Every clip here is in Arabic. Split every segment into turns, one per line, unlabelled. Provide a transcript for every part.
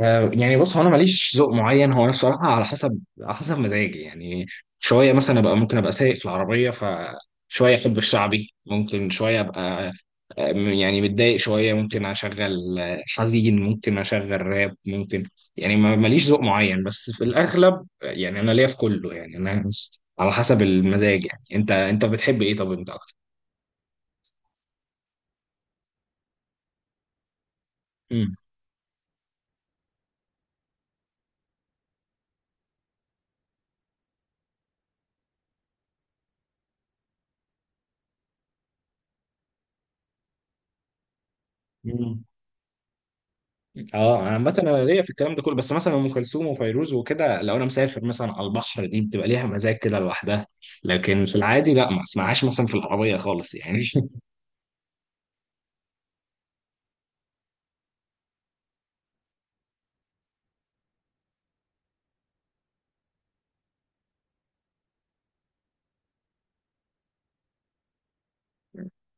يعني بص، هو انا ماليش ذوق معين، هو انا بصراحه على حسب مزاجي يعني. شويه مثلا ابقى، ممكن ابقى سايق في العربيه فشويه احب الشعبي، ممكن شويه ابقى يعني متضايق شويه ممكن اشغل، حزين ممكن اشغل راب، ممكن يعني ماليش ذوق معين، بس في الاغلب يعني انا ليا في كله، يعني انا على حسب المزاج يعني. انت بتحب ايه؟ طب انت اكتر؟ مم. اه، انا عامه انا ليا في الكلام ده كله، بس مثلا ام كلثوم وفيروز وكده، لو انا مسافر مثلا على البحر دي بتبقى ليها مزاج كده لوحدها. لكن في العادي لا، ما اسمعهاش مثلا في العربيه خالص يعني.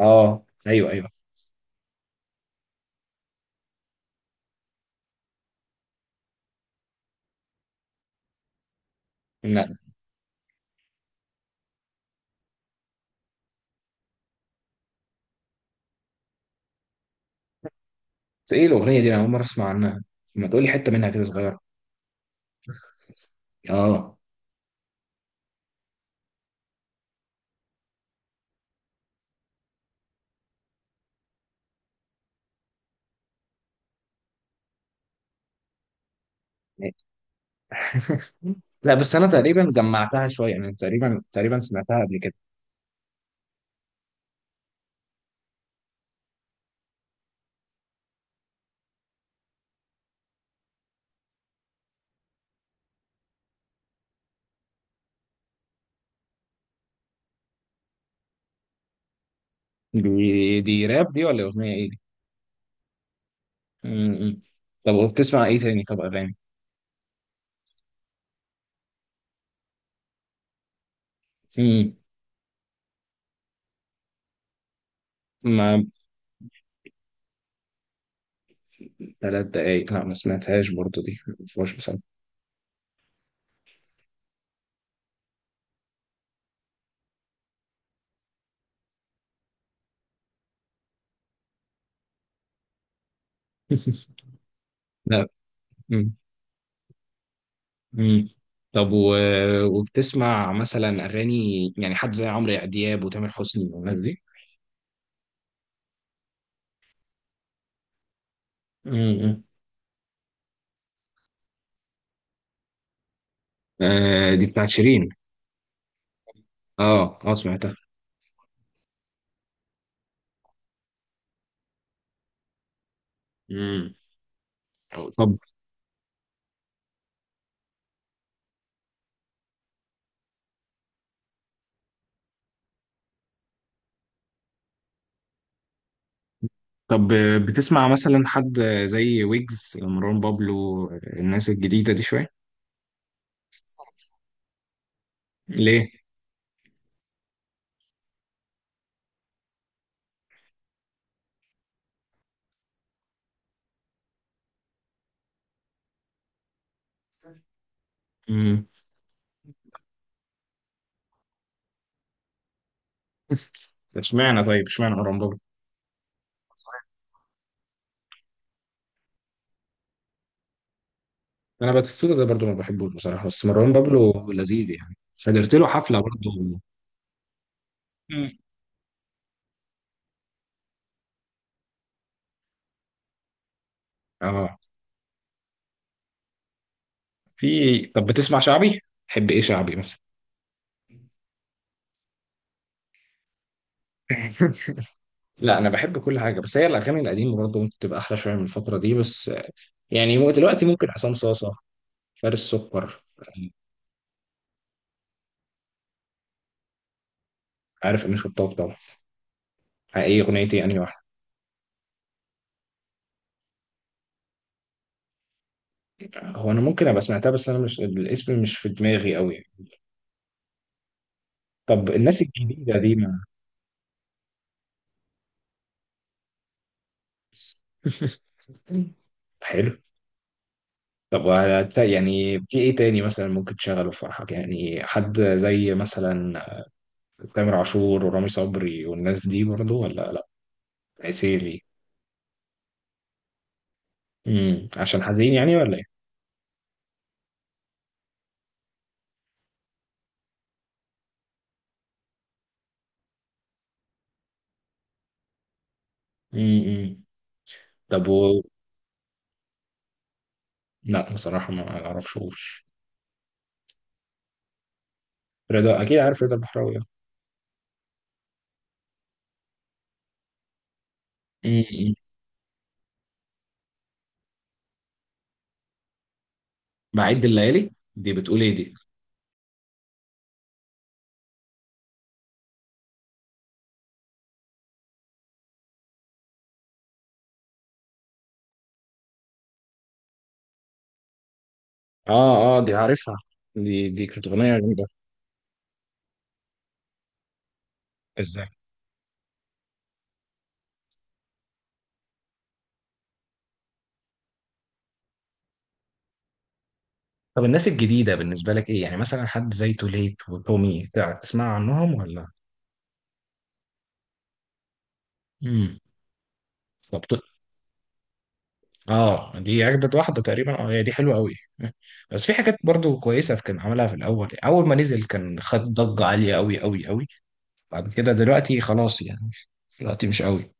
اه، ايوه، ايوه. لا، بس ايه الاغنيه دي؟ انا اول مره اسمع عنها. ما تقولي حته منها كده صغيره. اه. لا، بس انا تقريبا جمعتها شويه يعني، تقريبا تقريبا سمعتها قبل كده. دي راب دي ولا اغنيه ايه دي؟ م. طب وبتسمع ايه تاني؟ طب اغاني. م. ما، 3 دقايق، لا ما سمعتهاش برضو، دي ما فيهاش مسلسل. لا. مم. مم. طب و... وبتسمع مثلا اغاني، يعني حد زي عمرو دياب وتامر حسني والناس دي؟ امم آه، دي بتاعت شيرين. اه، اه، سمعتها. مم. طب طب، بتسمع مثلا حد زي ويجز، مروان بابلو، الناس الجديدة دي شوية؟ ليه؟ امم اشمعنى؟ طيب اشمعنى مروان بابلو؟ انا باتيستوتا ده برضو ما بحبوش بصراحه، بس مروان بابلو لذيذ يعني، حضرت له حفله برضو. مم. اه، في، طب بتسمع شعبي؟ تحب ايه شعبي مثلا؟ لا، انا بحب كل حاجه، بس هي الاغاني القديمه برضه ممكن تبقى احلى شويه من الفتره دي، بس يعني، دلوقتي ممكن حسام صاصه، فارس سكر، عارف امين خطاب طبعا. ايه اغنيتي، انهي واحده؟ هو انا ممكن ابقى سمعتها، بس انا مش، الاسم مش في دماغي قوي. طب الناس الجديده دي ما. حلو. طب يعني في ايه تاني مثلا ممكن تشغله في فرحك؟ يعني حد زي مثلا تامر عاشور ورامي صبري والناس دي برضو، ولا لا، عسيلي؟ عشان حزين يعني، ولا ايه؟ امم طب لا بصراحة ما اعرفشوش. رضا، اكيد عارف رضا البحراوي. امم بعيد بالليالي دي بتقول ايه دي؟ اه، اه، دي عارفها. دي كانت اغنية جامدة. ازاي؟ طب الناس الجديدة بالنسبة لك ايه؟ يعني مثلا حد زي توليت وتومي، تسمع عنهم ولا؟ امم طب، اه، دي اجدد واحده تقريبا. اه، هي دي حلوه قوي. بس في حاجات برضو كويسه كان عملها في الاول، اول ما نزل كان خد ضجه عاليه قوي قوي قوي. بعد كده دلوقتي خلاص يعني، دلوقتي مش قوي.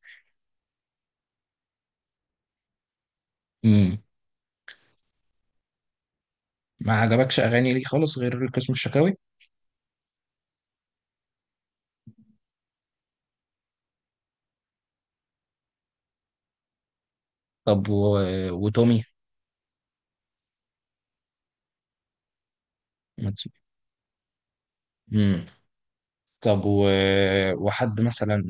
امم ما عجبكش اغاني ليه خالص غير القسم الشكاوي؟ طب و... وتومي؟ امم طب و... وحد مثلا.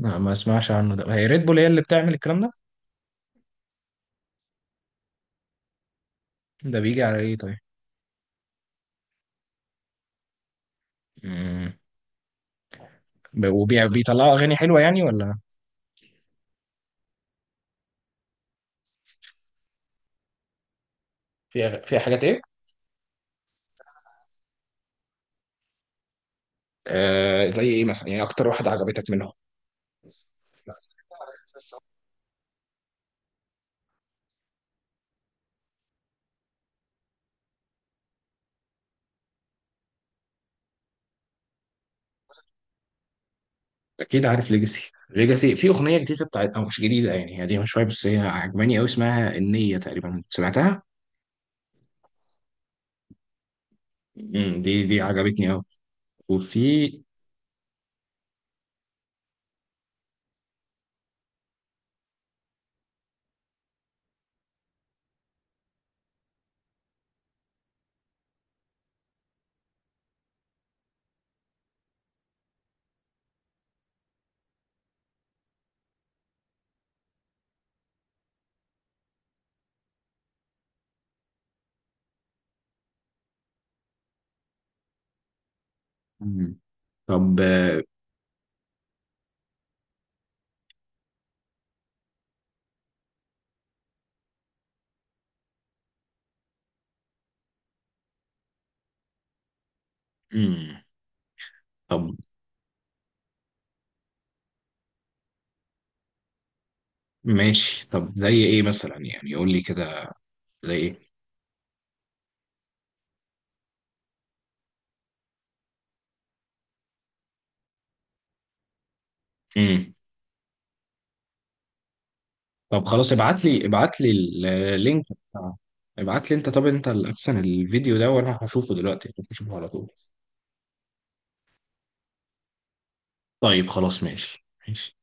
لا ما اسمعش عنه ده. هي ريد بول هي اللي بتعمل الكلام ده؟ ده بيجي على ايه طيب؟ امم وبيطلعوا اغاني حلوه يعني ولا؟ في حاجات ايه؟ آه، زي ايه مثلا يعني؟ اكتر واحده عجبتك منهم؟ اكيد عارف ليجاسي. ليجاسي في اغنيه جديده بتاعت، او مش جديده يعني، هي قديمه شويه، بس هي عجباني قوي، اسمها النيه تقريبا، سمعتها. دي عجبتني قوي. وفي. مم. طب. مم. طب. ماشي، طب زي ايه مثلا يعني، قول لي كده، زي ايه؟ امم طب خلاص، ابعت لي، ابعت لي اللينك بتاع. ابعت لي انت، طب انت الاحسن، الفيديو ده وانا هشوفه دلوقتي، هشوفه على طول. طيب، خلاص، ماشي ماشي.